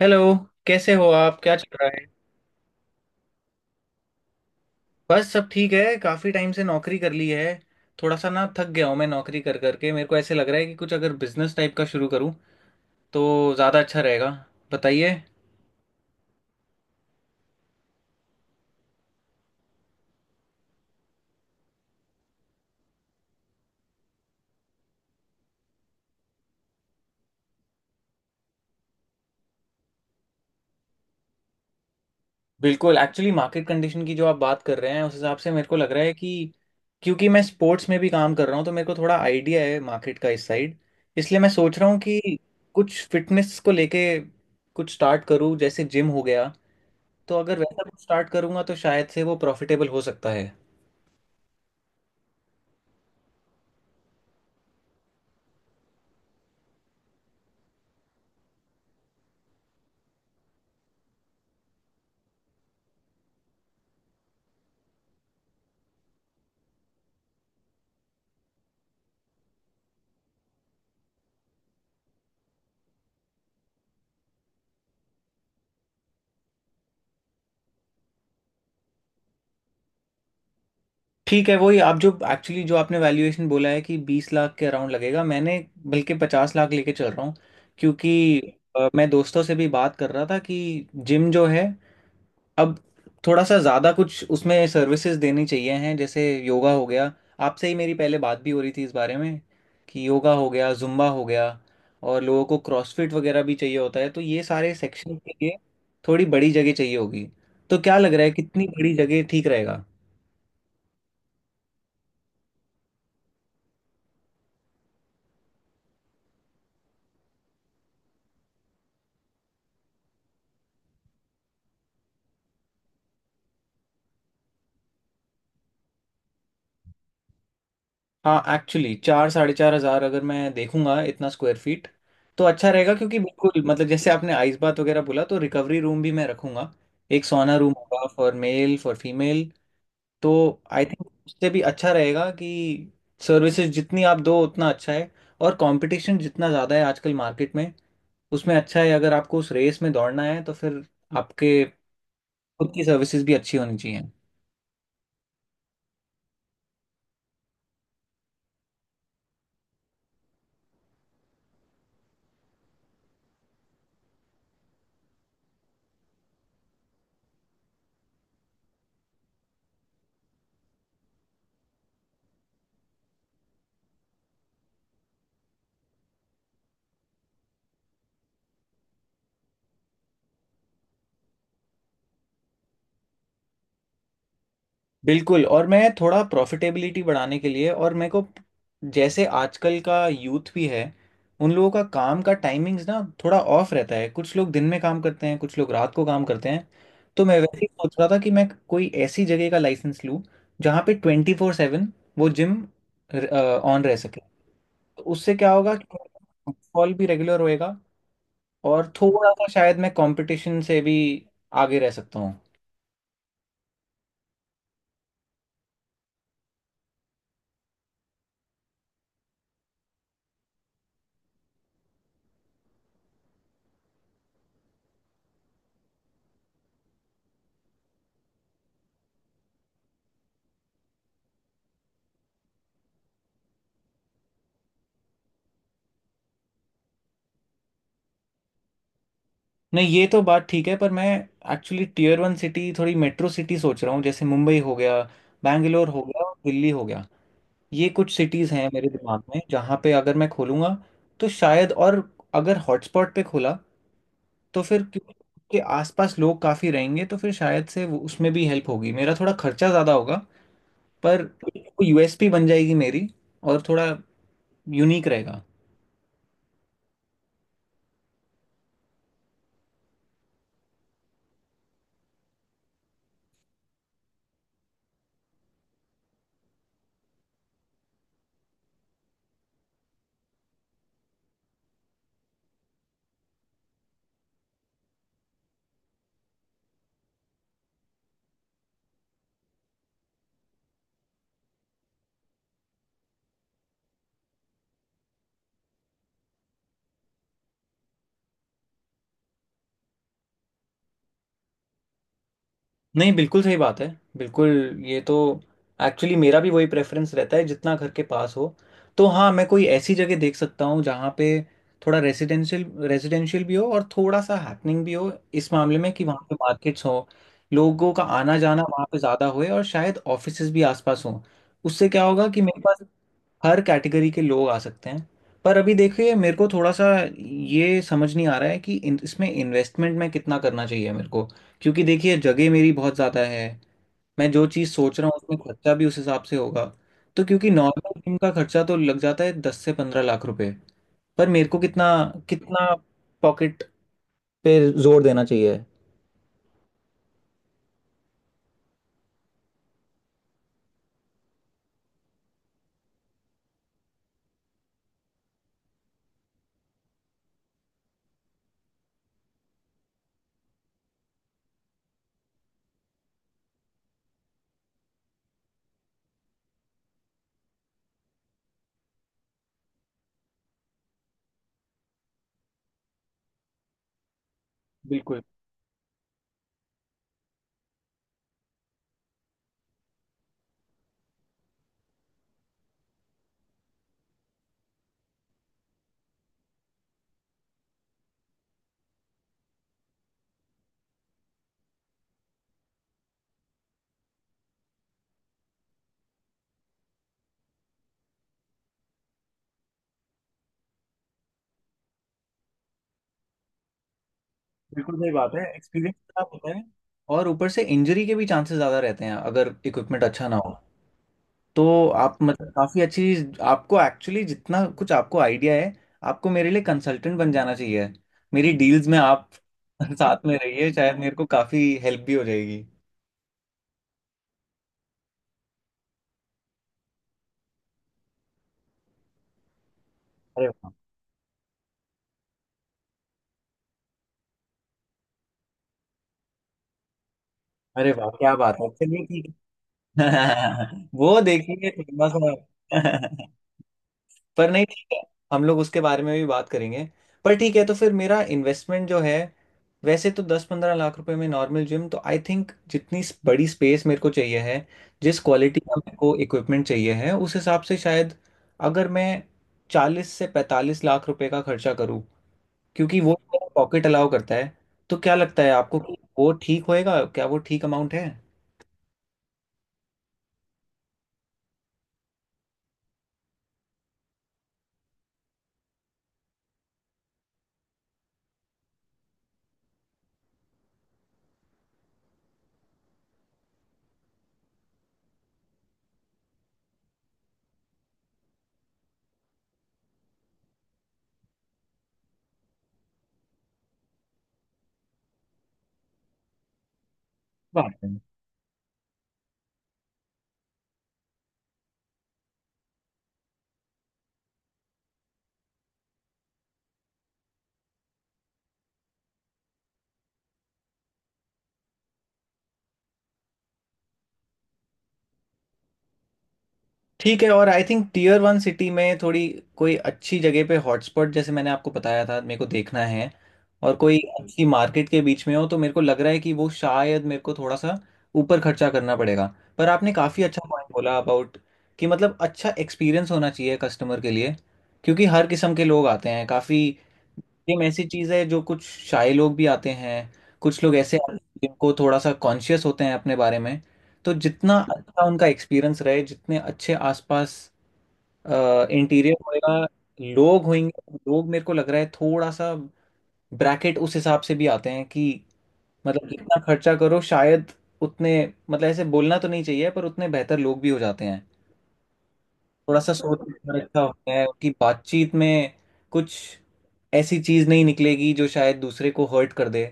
Hello. कैसे हो आप? क्या चल रहा है? बस सब ठीक है, काफी टाइम से नौकरी कर ली है। थोड़ा सा ना थक गया हूँ मैं नौकरी कर करके। मेरे को ऐसे लग रहा है कि कुछ अगर बिजनेस टाइप का शुरू करूँ तो ज़्यादा अच्छा रहेगा, बताइए। बिल्कुल, एक्चुअली मार्केट कंडीशन की जो आप बात कर रहे हैं उस हिसाब से मेरे को लग रहा है कि, क्योंकि मैं स्पोर्ट्स में भी काम कर रहा हूँ तो मेरे को थोड़ा आइडिया है मार्केट का इस साइड। इसलिए मैं सोच रहा हूँ कि कुछ फिटनेस को लेके कुछ स्टार्ट करूँ, जैसे जिम हो गया। तो अगर वैसा कुछ स्टार्ट करूंगा तो शायद से वो प्रॉफिटेबल हो सकता है। ठीक है, वही आप जो एक्चुअली जो आपने वैल्यूएशन बोला है कि 20 लाख के अराउंड लगेगा, मैंने बल्कि 50 लाख लेके चल रहा हूँ। क्योंकि मैं दोस्तों से भी बात कर रहा था कि जिम जो है अब थोड़ा सा ज़्यादा कुछ उसमें सर्विसेज देनी चाहिए हैं, जैसे योगा हो गया। आपसे ही मेरी पहले बात भी हो रही थी इस बारे में कि योगा हो गया, जुम्बा हो गया, और लोगों को क्रॉसफिट वगैरह भी चाहिए होता है। तो ये सारे सेक्शन के लिए थोड़ी बड़ी जगह चाहिए होगी। तो क्या लग रहा है कितनी बड़ी जगह ठीक रहेगा? हाँ एक्चुअली चार 4,500 अगर मैं देखूंगा इतना स्क्वायर फीट तो अच्छा रहेगा, क्योंकि बिल्कुल मतलब जैसे आपने आइस बात वगैरह बोला तो रिकवरी रूम भी मैं रखूंगा। एक सोना रूम होगा फॉर मेल फॉर फीमेल। तो आई थिंक उससे भी अच्छा रहेगा कि सर्विसेज जितनी आप दो उतना अच्छा है। और कंपटीशन जितना ज़्यादा है आजकल मार्केट में, उसमें अच्छा है अगर आपको उस रेस में दौड़ना है तो फिर आपके खुद की सर्विसेज भी अच्छी होनी चाहिए। बिल्कुल। और मैं थोड़ा प्रॉफिटेबिलिटी बढ़ाने के लिए, और मेरे को जैसे आजकल का यूथ भी है, उन लोगों का काम का टाइमिंग्स ना थोड़ा ऑफ रहता है, कुछ लोग दिन में काम करते हैं कुछ लोग रात को काम करते हैं। तो मैं वैसे ही सोच रहा था कि मैं कोई ऐसी जगह का लाइसेंस लूँ जहाँ पे 24/7 वो जिम ऑन रह सके। तो उससे क्या होगा कि फुटफॉल भी रेगुलर होएगा, और थोड़ा सा शायद मैं कंपटीशन से भी आगे रह सकता। नहीं ये तो बात ठीक है, पर मैं एक्चुअली टीयर वन सिटी, थोड़ी मेट्रो सिटी सोच रहा हूँ, जैसे मुंबई हो गया, बैंगलोर हो गया, और दिल्ली हो गया। ये कुछ सिटीज़ हैं मेरे दिमाग में जहाँ पे अगर मैं खोलूँगा तो शायद, और अगर हॉटस्पॉट पे खोला तो फिर क्योंकि उसके आसपास लोग काफ़ी रहेंगे तो फिर शायद से उसमें भी हेल्प होगी। मेरा थोड़ा खर्चा ज़्यादा होगा, पर यूएसपी बन जाएगी मेरी, और थोड़ा यूनिक रहेगा। नहीं बिल्कुल सही बात है, बिल्कुल। ये तो एक्चुअली मेरा भी वही प्रेफरेंस रहता है जितना घर के पास हो। तो हाँ मैं कोई ऐसी जगह देख सकता हूँ जहाँ पे थोड़ा रेजिडेंशियल रेजिडेंशियल भी हो और थोड़ा सा हैपनिंग भी हो इस मामले में कि वहाँ पे मार्केट्स हो, लोगों का आना जाना वहाँ पे ज़्यादा होए, और शायद ऑफिसेज भी आसपास हों। उससे क्या होगा कि मेरे पास हर कैटेगरी के लोग आ सकते हैं। पर अभी देखिए मेरे को थोड़ा सा ये समझ नहीं आ रहा है कि इसमें इन्वेस्टमेंट में कितना करना चाहिए मेरे को, क्योंकि देखिए जगह मेरी बहुत ज़्यादा है। मैं जो चीज़ सोच रहा हूँ उसमें खर्चा भी उस हिसाब से होगा। तो क्योंकि नॉर्मल जिम का खर्चा तो लग जाता है 10 से 15 लाख रुपए, पर मेरे को कितना कितना पॉकेट पे जोर देना चाहिए। बिल्कुल, बिल्कुल सही बात है, एक्सपीरियंस खराब होता है और ऊपर से इंजरी के भी चांसेस ज़्यादा रहते हैं अगर इक्विपमेंट अच्छा ना हो। तो आप मतलब काफी अच्छी, आपको एक्चुअली जितना कुछ आपको आइडिया है, आपको मेरे लिए कंसल्टेंट बन जाना चाहिए, मेरी डील्स में आप साथ में रहिए, शायद मेरे को काफी हेल्प भी हो जाएगी। अरे वाह। अरे वाह क्या बात है! चलिए ठीक है। वो देखिए थोड़ा सा। पर नहीं ठीक है, हम लोग उसके बारे में भी बात करेंगे। पर ठीक है, तो फिर मेरा इन्वेस्टमेंट जो है, वैसे तो 10 15 लाख रुपए में नॉर्मल जिम, तो आई थिंक जितनी बड़ी स्पेस मेरे को चाहिए है, जिस क्वालिटी का मेरे को इक्विपमेंट चाहिए है उस हिसाब से शायद अगर मैं 40 से 45 लाख रुपए का खर्चा करूँ, क्योंकि वो मेरा पॉकेट अलाउ करता है, तो क्या लगता है आपको कि वो ठीक होएगा? क्या वो ठीक अमाउंट है? ठीक है। और I think tier one city में थोड़ी कोई अच्छी जगह पे हॉटस्पॉट जैसे मैंने आपको बताया था मेरे को देखना है, और कोई अच्छी मार्केट के बीच में हो, तो मेरे को लग रहा है कि वो शायद मेरे को थोड़ा सा ऊपर खर्चा करना पड़ेगा। पर आपने काफ़ी अच्छा पॉइंट बोला अबाउट, कि मतलब अच्छा एक्सपीरियंस होना चाहिए कस्टमर के लिए, क्योंकि हर किस्म के लोग आते हैं काफ़ी। गेम ऐसी चीज है जो कुछ शाय लोग भी आते हैं, कुछ लोग ऐसे आते हैं जिनको थोड़ा सा कॉन्शियस होते हैं अपने बारे में। तो जितना अच्छा उनका एक्सपीरियंस रहे, जितने अच्छे आसपास इंटीरियर होएगा, लोग होंगे, लोग मेरे को लग रहा है थोड़ा सा ब्रैकेट उस हिसाब से भी आते हैं कि, मतलब जितना खर्चा करो शायद उतने, मतलब ऐसे बोलना तो नहीं चाहिए पर उतने बेहतर लोग भी हो जाते हैं, थोड़ा सा सोच विचार अच्छा होता है कि बातचीत में कुछ ऐसी चीज नहीं निकलेगी जो शायद दूसरे को हर्ट कर दे।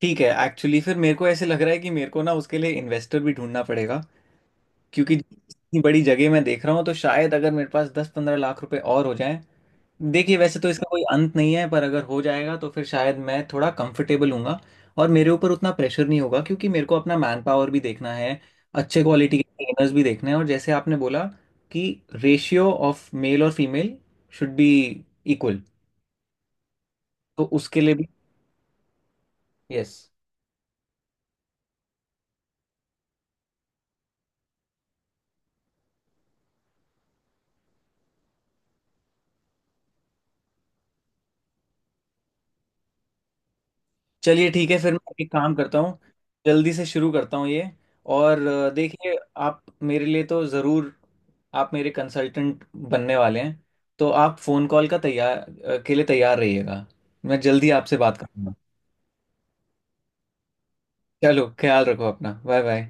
ठीक है, एक्चुअली फिर मेरे को ऐसे लग रहा है कि मेरे को ना उसके लिए इन्वेस्टर भी ढूंढना पड़ेगा, क्योंकि इतनी बड़ी जगह मैं देख रहा हूँ, तो शायद अगर मेरे पास 10 15 लाख रुपए और हो जाए, देखिए वैसे तो इसका कोई अंत नहीं है, पर अगर हो जाएगा तो फिर शायद मैं थोड़ा कंफर्टेबल हूँगा और मेरे ऊपर उतना प्रेशर नहीं होगा, क्योंकि मेरे को अपना मैन पावर भी देखना है, अच्छे क्वालिटी के ट्रेनर्स भी देखने हैं, और जैसे आपने बोला कि रेशियो ऑफ मेल और फीमेल शुड बी इक्वल, तो उसके लिए भी, यस। चलिए ठीक है फिर मैं एक काम करता हूँ, जल्दी से शुरू करता हूँ ये। और देखिए आप मेरे लिए तो ज़रूर, आप मेरे कंसल्टेंट बनने वाले हैं, तो आप फ़ोन कॉल का के लिए तैयार रहिएगा। मैं जल्दी आपसे बात करूँगा। चलो ख्याल रखो अपना। Bye bye.